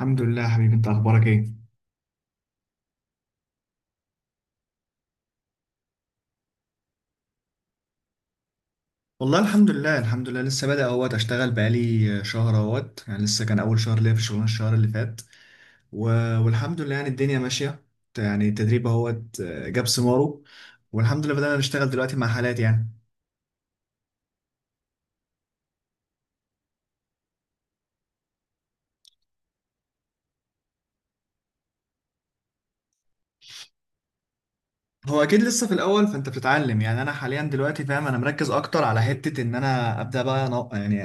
الحمد لله يا حبيبي، انت اخبارك ايه؟ والله الحمد لله الحمد لله، لسه بادئ، اشتغل بقالي شهر، يعني لسه كان اول شهر ليا في الشغلانه الشهر اللي فات و... والحمد لله يعني الدنيا ماشيه. يعني التدريب اهوت آه، جاب ثماره. والحمد لله بدأنا نشتغل دلوقتي مع حالات يعني. هو اكيد لسه في الاول، فانت بتتعلم. يعني انا حاليا دلوقتي فاهم، انا مركز اكتر على حته ان انا ابدا بقى، يعني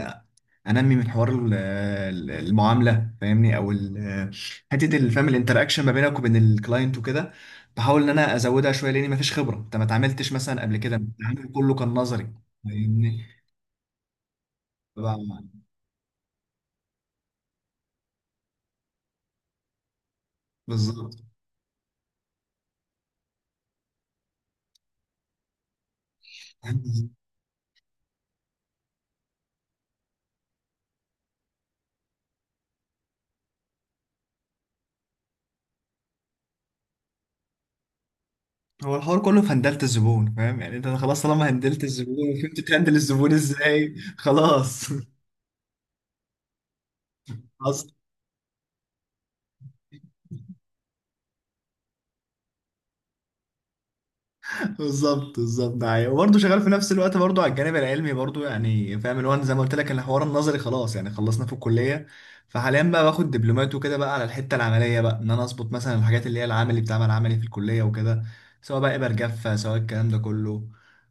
انمي من حوار المعامله، فاهمني؟ حته فاهم الانتراكشن ما بينك وبين الكلاينت وكده. بحاول ان انا ازودها شويه، لاني ما فيش خبره، انت ما اتعاملتش مثلا قبل كده، التعامل كله كان نظري. فاهمني؟ طبعاً. بالظبط. هو الحوار كله في هندلة الزبون، فاهم؟ يعني انت خلاص، طالما هندلت الزبون وفهمت تهندل الزبون ازاي، خلاص. بالظبط بالظبط، ده حقيقي. وبرضه شغال في نفس الوقت برضه على الجانب العلمي برضه، يعني فاهم اللي هو أنا زي ما قلت لك، الحوار النظري خلاص يعني خلصنا في الكليه. فحاليا بقى باخد دبلومات وكده بقى على الحته العمليه، بقى ان انا اظبط مثلا الحاجات اللي هي العملي، بتاع العملي في الكليه وكده. سواء بقى ابر جافه، سواء الكلام ده كله،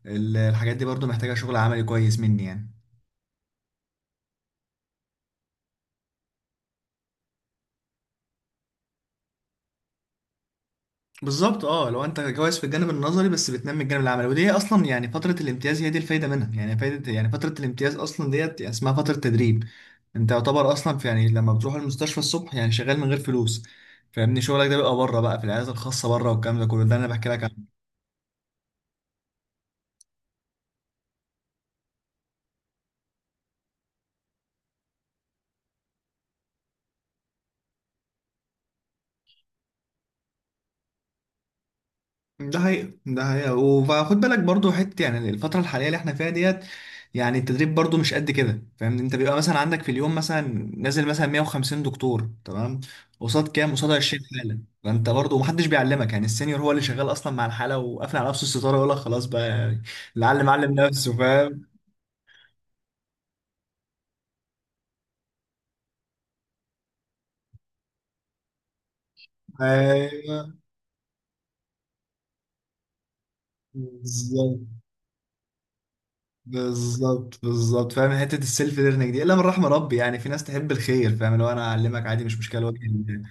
الحاجات دي برضه محتاجه شغل عملي كويس مني يعني. بالظبط، اه لو انت كويس في الجانب النظري بس بتنمي الجانب العملي، ودي هي اصلا يعني فتره الامتياز، هي دي الفايده منها يعني، فايده يعني فتره الامتياز، اصلا ديت يعني اسمها فتره تدريب. انت يعتبر اصلا في، يعني لما بتروح المستشفى الصبح يعني شغال من غير فلوس. فاهمني؟ شغلك ده بيبقى بره بقى في العيادات الخاصه بره، والكلام ده كله ده اللي انا بحكي لك عنه. ده حقيقة ده حقيقة، وخد بالك برضو حته، يعني الفتره الحاليه اللي احنا فيها ديت، يعني التدريب برضو مش قد كده. فاهمني؟ انت بيبقى مثلا عندك في اليوم مثلا نازل مثلا 150 دكتور، تمام؟ قصاد كام؟ قصاد 20 حاله، فانت برضو محدش بيعلمك. يعني السينيور هو اللي شغال اصلا مع الحاله وقافل على نفسه الستاره، يقول لك خلاص بقى يعني، اللي علم علم نفسه. فاهم؟ ايوه. بالظبط. بالظبط بالظبط، فاهم حته السيلف ليرنينج دي، الا من رحم ربي. يعني في ناس تحب الخير، فاهم؟ لو انا اعلمك، عادي مش مشكله، وجه الله.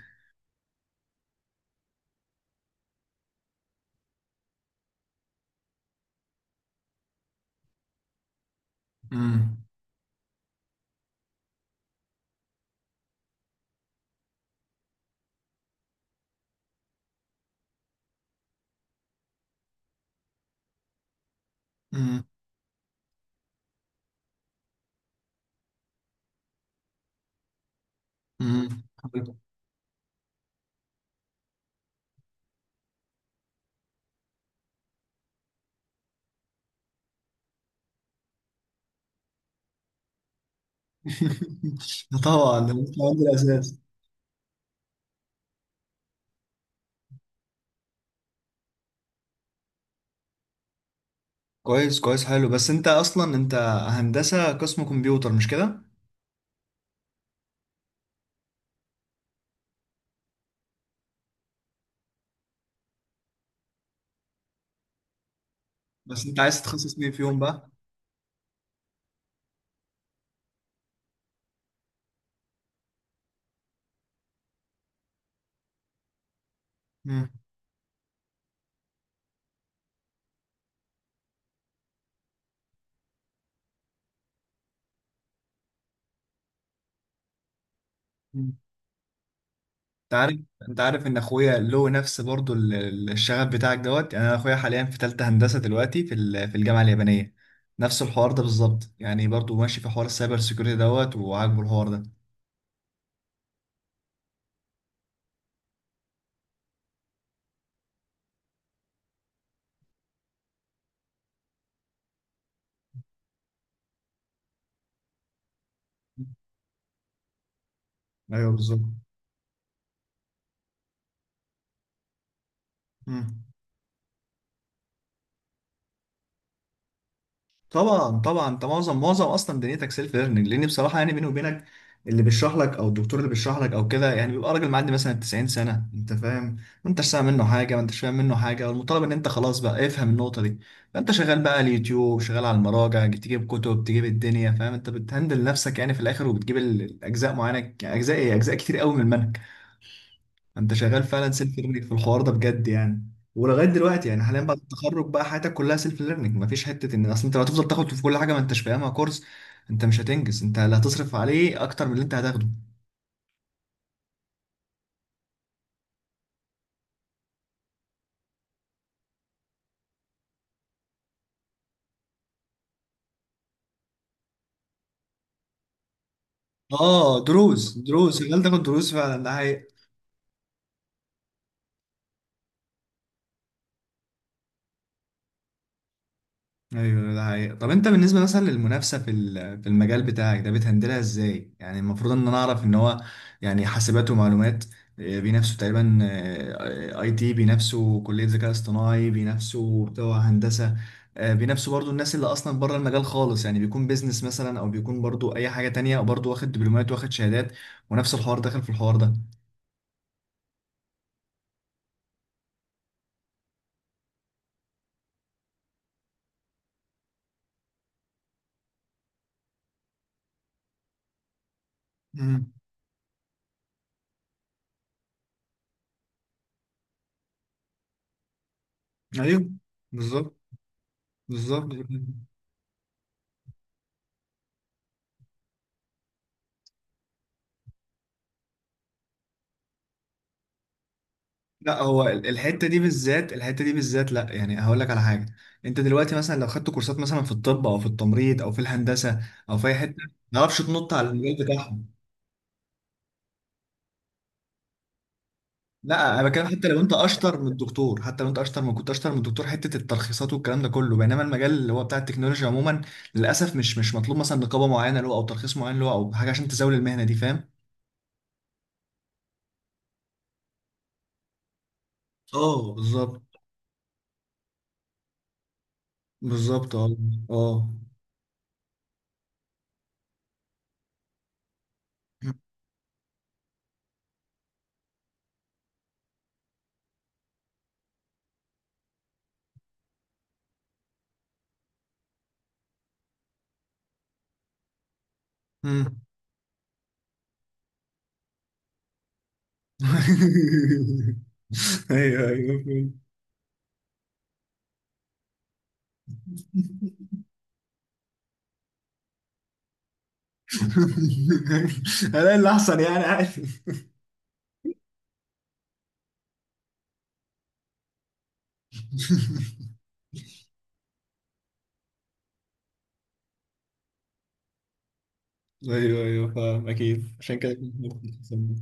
امم امم امم. طبعا ده مش عندي الاساس. كويس كويس، حلو. بس انت اصلا انت هندسه قسم كمبيوتر، مش كده؟ بس انت عايز تتخصص مين فيهم بقى؟ مم. انت عارف انت عارف ان اخويا له نفس برضو الشغف بتاعك دوت، يعني انا اخويا حاليا في ثالثه هندسه دلوقتي في الجامعه اليابانيه. نفس الحوار ده بالظبط، يعني برضو ماشي في حوار السايبر سيكيورتي دوت، وعاجبه الحوار ده. ايوه بالظبط. مم. طبعا طبعا، انت معظم اصلا دنيتك سيلف ليرنينج، لان بصراحه يعني بيني وبينك، اللي بيشرح لك او الدكتور اللي بيشرح لك او كده، يعني بيبقى راجل معدي مثلا 90 سنه، انت فاهم؟ ما انتش سامع منه حاجه، ما انتش فاهم منه حاجه، والمطالب ان انت خلاص بقى افهم النقطه دي. فانت شغال بقى على اليوتيوب، شغال على المراجع، تجيب كتب، تجيب الدنيا، فاهم؟ انت بتهندل نفسك يعني في الاخر، وبتجيب الاجزاء معينه، يعني اجزاء ايه، اجزاء كتير قوي من المنهج. انت شغال فعلا سيلف ليرنينج في الحوار ده بجد يعني. ولغايه دلوقتي يعني حاليا بعد التخرج بقى، حياتك كلها سيلف ليرنينج، مفيش حته ان، اصل انت لو هتفضل تاخد في كل حاجه ما انتش فاهمها كورس، انت مش هتنجز، انت اللي هتصرف عليه اكتر من اللي انت هتاخده. اه دروس دروس، شغال تاخد دروس فعلا، ده حقيقة. ايوه ده حقيقي. طب انت بالنسبه مثلا للمنافسه في المجال بتاعك ده بتهندلها ازاي؟ يعني المفروض ان انا اعرف ان هو، يعني حاسبات ومعلومات، بينافسوا تقريبا اي تي، بينافسوا كليه ذكاء اصطناعي، بينافسوا بتوع هندسه، بينافسوا برضو الناس اللي اصلا بره المجال خالص، يعني بيكون بيزنس مثلا، او بيكون برضو اي حاجه تانية برضو واخد دبلومات، واخد شهادات، ونفس الحوار داخل في الحوار ده. امم. ايوه بالظبط. بالظبط. لا هو الحته دي بالذات، الحته دي بالذات، لا يعني هقول لك على حاجه. انت دلوقتي مثلا لو خدت كورسات مثلا في الطب او في التمريض او في الهندسه او في اي حته، ما تعرفش تنط على المجال بتاعهم. لا انا بتكلم، حتى لو انت اشطر من الدكتور، حتى لو انت اشطر من كنت اشطر من الدكتور، حته الترخيصات والكلام ده كله. بينما المجال اللي هو بتاع التكنولوجيا عموما، للاسف مش مطلوب مثلا نقابه معينه له، او ترخيص معين له، او حاجه عشان تزاول المهنه دي، فاهم؟ اه بالظبط. بالظبط اه. اه. مم. ايوه ايوه، فهمت. الاقي اللي احسن يعني، عادي. ايوه ايوه فاهم، اكيد عشان كده كنت ممكن تسميه.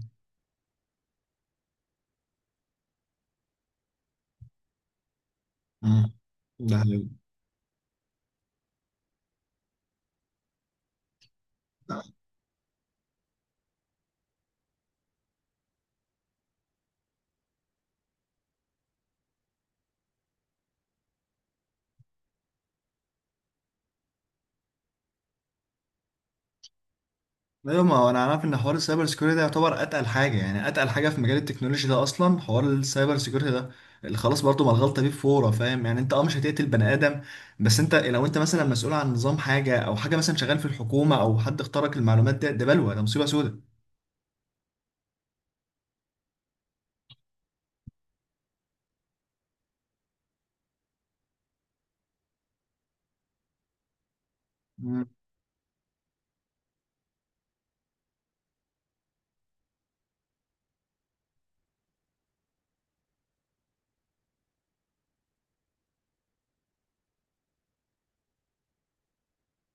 مم. ده حلو. ايوه، ما هو انا عارف ان حوار السايبر سيكيورتي ده يعتبر اتقل حاجه، يعني اتقل حاجه في مجال التكنولوجي ده اصلا، حوار السايبر سيكيورتي ده اللي خلاص، برضو ما الغلطه فيه فوره. فاهم؟ يعني انت اه، مش هتقتل بني ادم، بس انت لو انت مثلا مسؤول عن نظام حاجه او حاجه، مثلا شغال في الحكومه، او حد اخترق المعلومات، ده بلوه، ده مصيبه سودة.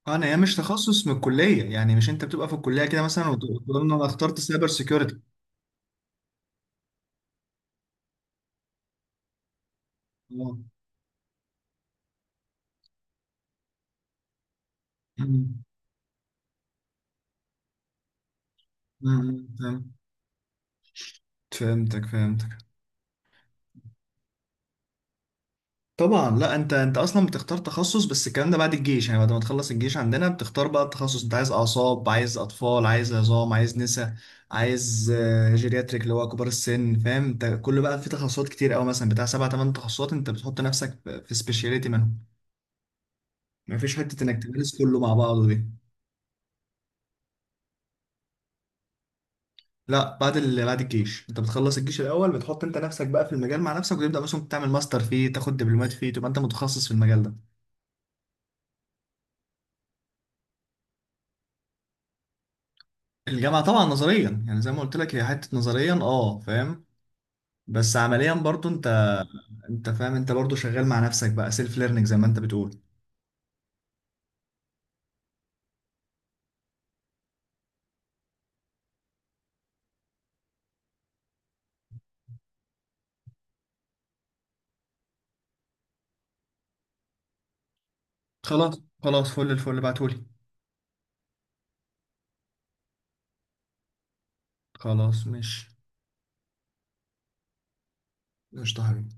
انا هي مش تخصص من الكليه يعني، مش انت بتبقى في الكليه كده مثلا وتقول إن انا اخترت سايبر سيكيورتي. اه. أمم. أمم، فهمت- فهمتك فهمتك. طبعا، لا انت اصلا بتختار تخصص، بس الكلام ده بعد الجيش يعني، بعد ما تخلص الجيش عندنا بتختار بقى التخصص، انت عايز اعصاب، عايز اطفال، عايز عظام، عايز نسا، عايز جيرياتريك اللي هو كبار السن، فاهم؟ انت كل بقى في تخصصات كتير قوي، مثلا بتاع سبع ثمان تخصصات، انت بتحط نفسك في سبيشاليتي منهم، مفيش حته انك تدرس كله مع بعضه دي. لا بعد الجيش، انت بتخلص الجيش الاول، بتحط انت نفسك بقى في المجال مع نفسك، وتبدا مثلا تعمل ماستر فيه، تاخد دبلومات فيه، تبقى انت متخصص في المجال ده. الجامعه طبعا نظريا، يعني زي ما قلت لك، هي حته نظريا اه، فاهم؟ بس عمليا برضو انت فاهم، انت برضو شغال مع نفسك بقى سيلف ليرنينج زي ما انت بتقول. خلاص خلاص، فل الفل، بعتولي. خلاص مش طهري